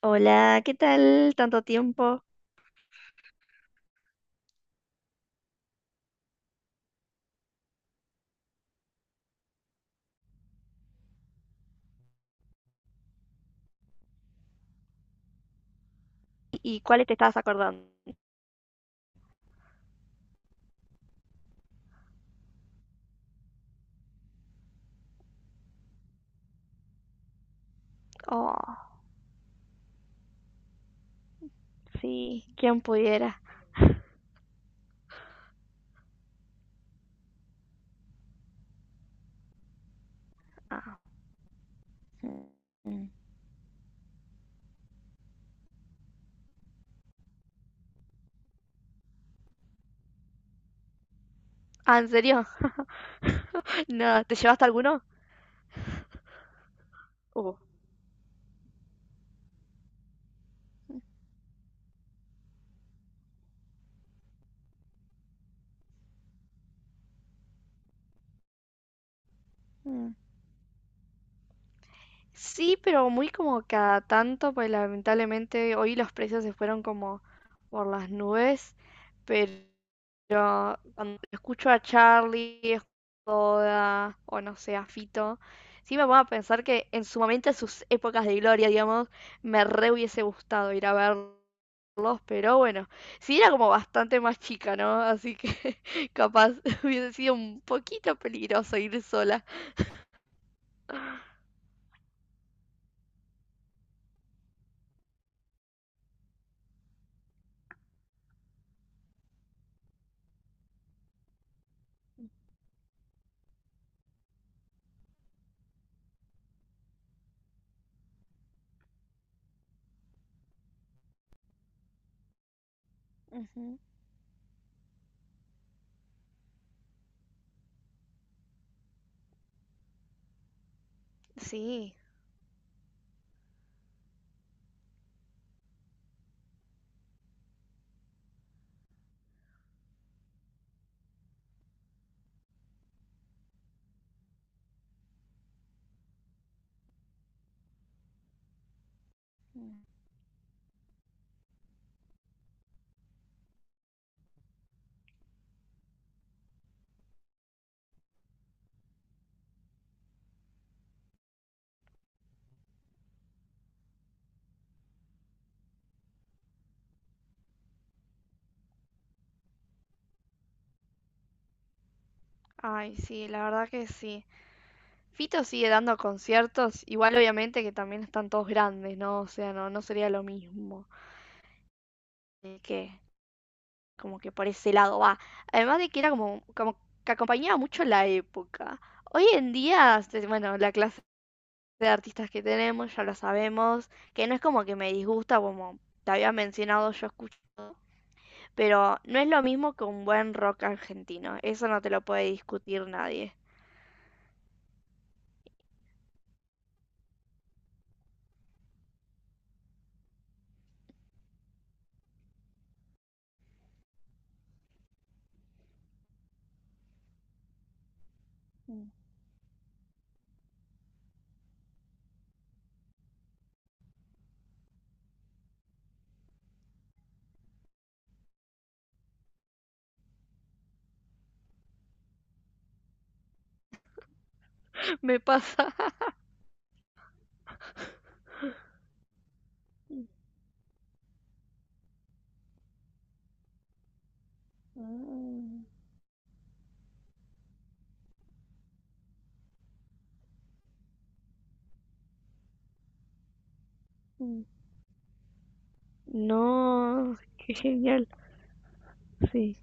Hola, ¿qué tal? Tanto tiempo. ¿Y cuáles te estabas acordando? Oh, sí, quién pudiera. Ah, mm, mm. Ah, ¿en serio? No, ¿te llevaste alguno? Uh. Mm. Sí, pero muy como cada tanto, pues lamentablemente hoy los precios se fueron como por las nubes, pero cuando escucho a Charlie, Joda o no sé, a Fito, sí me pongo a pensar que en su momento, en sus épocas de gloria, digamos, me re hubiese gustado ir a verlo. Dos, pero bueno, sí era como bastante más chica, ¿no? Así que capaz hubiese sido un poquito peligroso ir sola. Ujú. Sí. Mm. Ay, sí, la verdad que sí. Fito sigue dando conciertos, igual obviamente que también están todos grandes, ¿no? O sea, no, no sería lo mismo. Así que, como que por ese lado va. Además de que era como, como que acompañaba mucho la época. Hoy en día, este, bueno, la clase de artistas que tenemos, ya lo sabemos, que no es como que me disgusta, como te había mencionado, yo escucho, pero no es lo mismo que un buen rock argentino, eso no te lo puede discutir nadie. Mm. Me pasa. Mm, mm. No, qué genial, sí.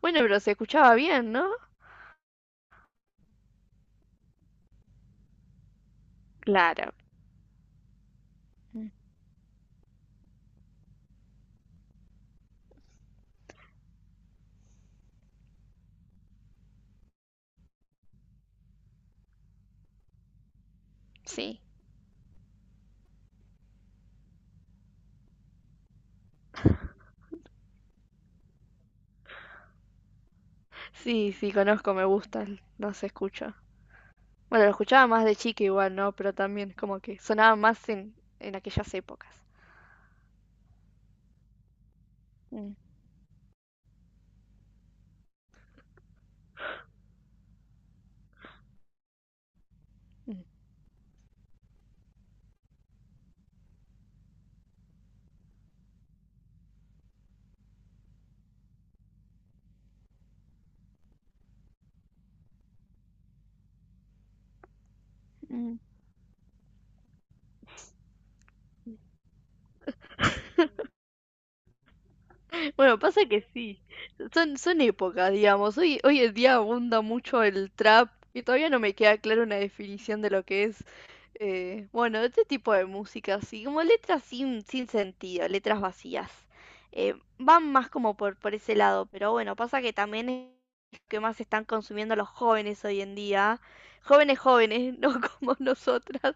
Bueno, pero se escuchaba bien, ¿no? Claro, mm, sí. Sí, sí, conozco, me gusta, el- no se escucha. Bueno, lo escuchaba más de chica igual, ¿no? Pero también como que sonaba más en aquellas épocas. Mm. Mm. Bueno, pasa que sí, son épocas, digamos. Hoy, hoy en día abunda mucho el trap y todavía no me queda clara una definición de lo que es, bueno, este tipo de música, así como letras sin sentido, letras vacías. Van más como por ese lado, pero bueno, pasa que también es lo que más están consumiendo los jóvenes hoy en día, jóvenes jóvenes, no como nosotras.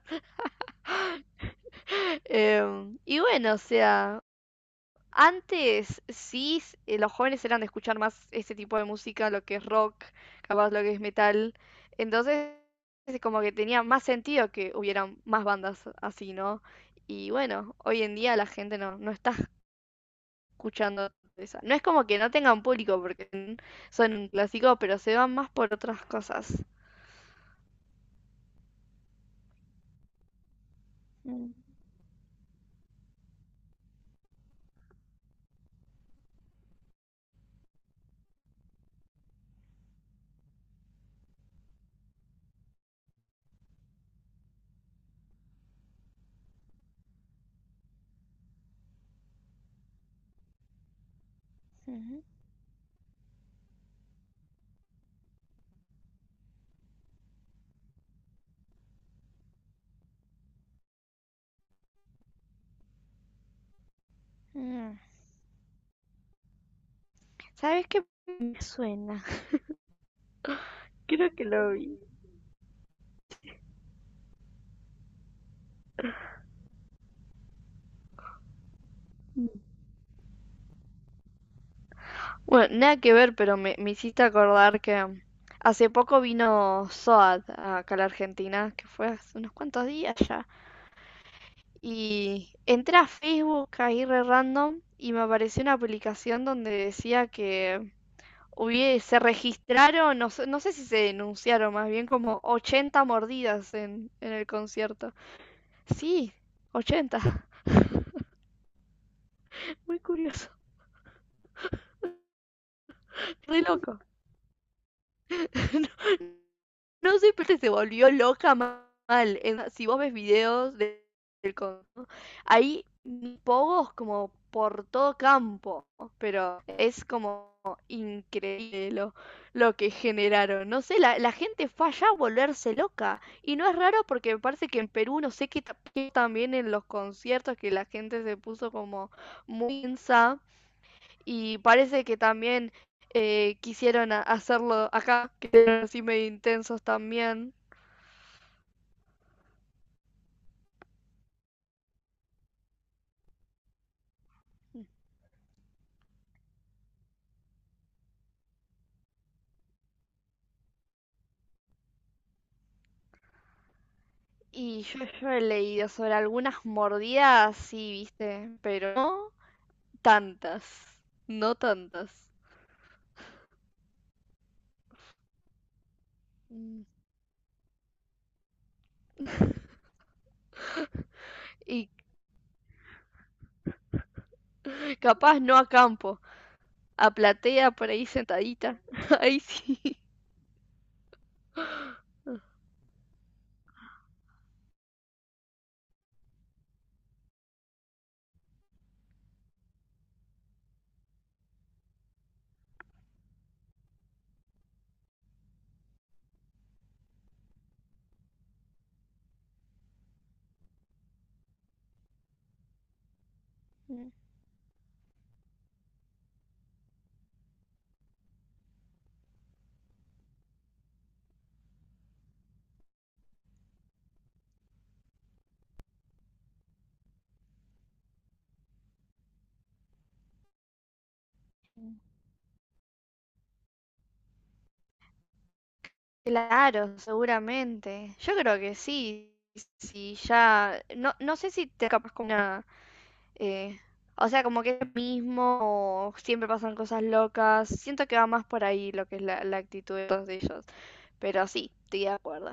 Y bueno, o sea... Antes sí, los jóvenes eran de escuchar más este tipo de música, lo que es rock, capaz lo que es metal. Entonces, es como que tenía más sentido que hubieran más bandas así, ¿no? Y bueno, hoy en día la gente no, no está escuchando esa. No es como que no tengan público porque son un clásico, pero se van más por otras cosas. Mm, ujú, mm. ¿Sabes qué? Me suena. Creo que lo vi. Bueno, nada que ver, pero me hiciste acordar que hace poco vino SOAD acá a la Argentina, que fue hace unos cuantos días ya. Y entré a Facebook ahí re random y me apareció una publicación donde decía que hubie- se registraron, no sé, no sé si se denunciaron, más bien como 80 mordidas en el concierto. Sí, 80. Muy curioso, re loco. No sé, pero se volvió loca mal. En- si vos ves videos de- del Congo, hay pogos como por todo campo, pero es como increíble lo que generaron. No sé, la gente fue allá a volverse loca. Y no es raro porque me parece que en Perú, no sé qué ta- qué también en los conciertos que la gente se puso como muy insa y parece que también quisieron a- hacerlo acá, que eran así medio intensos también. Y yo he leído sobre algunas mordidas, sí, viste, pero no tantas, no tantas. Mm. Y capaz no a campo, a platea por ahí sentadita, ahí sí. Mm. Claro, seguramente. Yo creo que sí. Si ya. No, no sé si te capaz con una Eh, o sea, como que es lo mismo, o siempre pasan cosas locas. Siento que va más por ahí lo que es la, la actitud de todos ellos. Pero sí, estoy de acuerdo.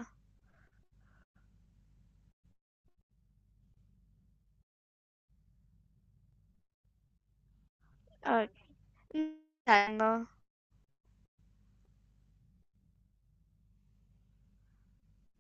A ver, no,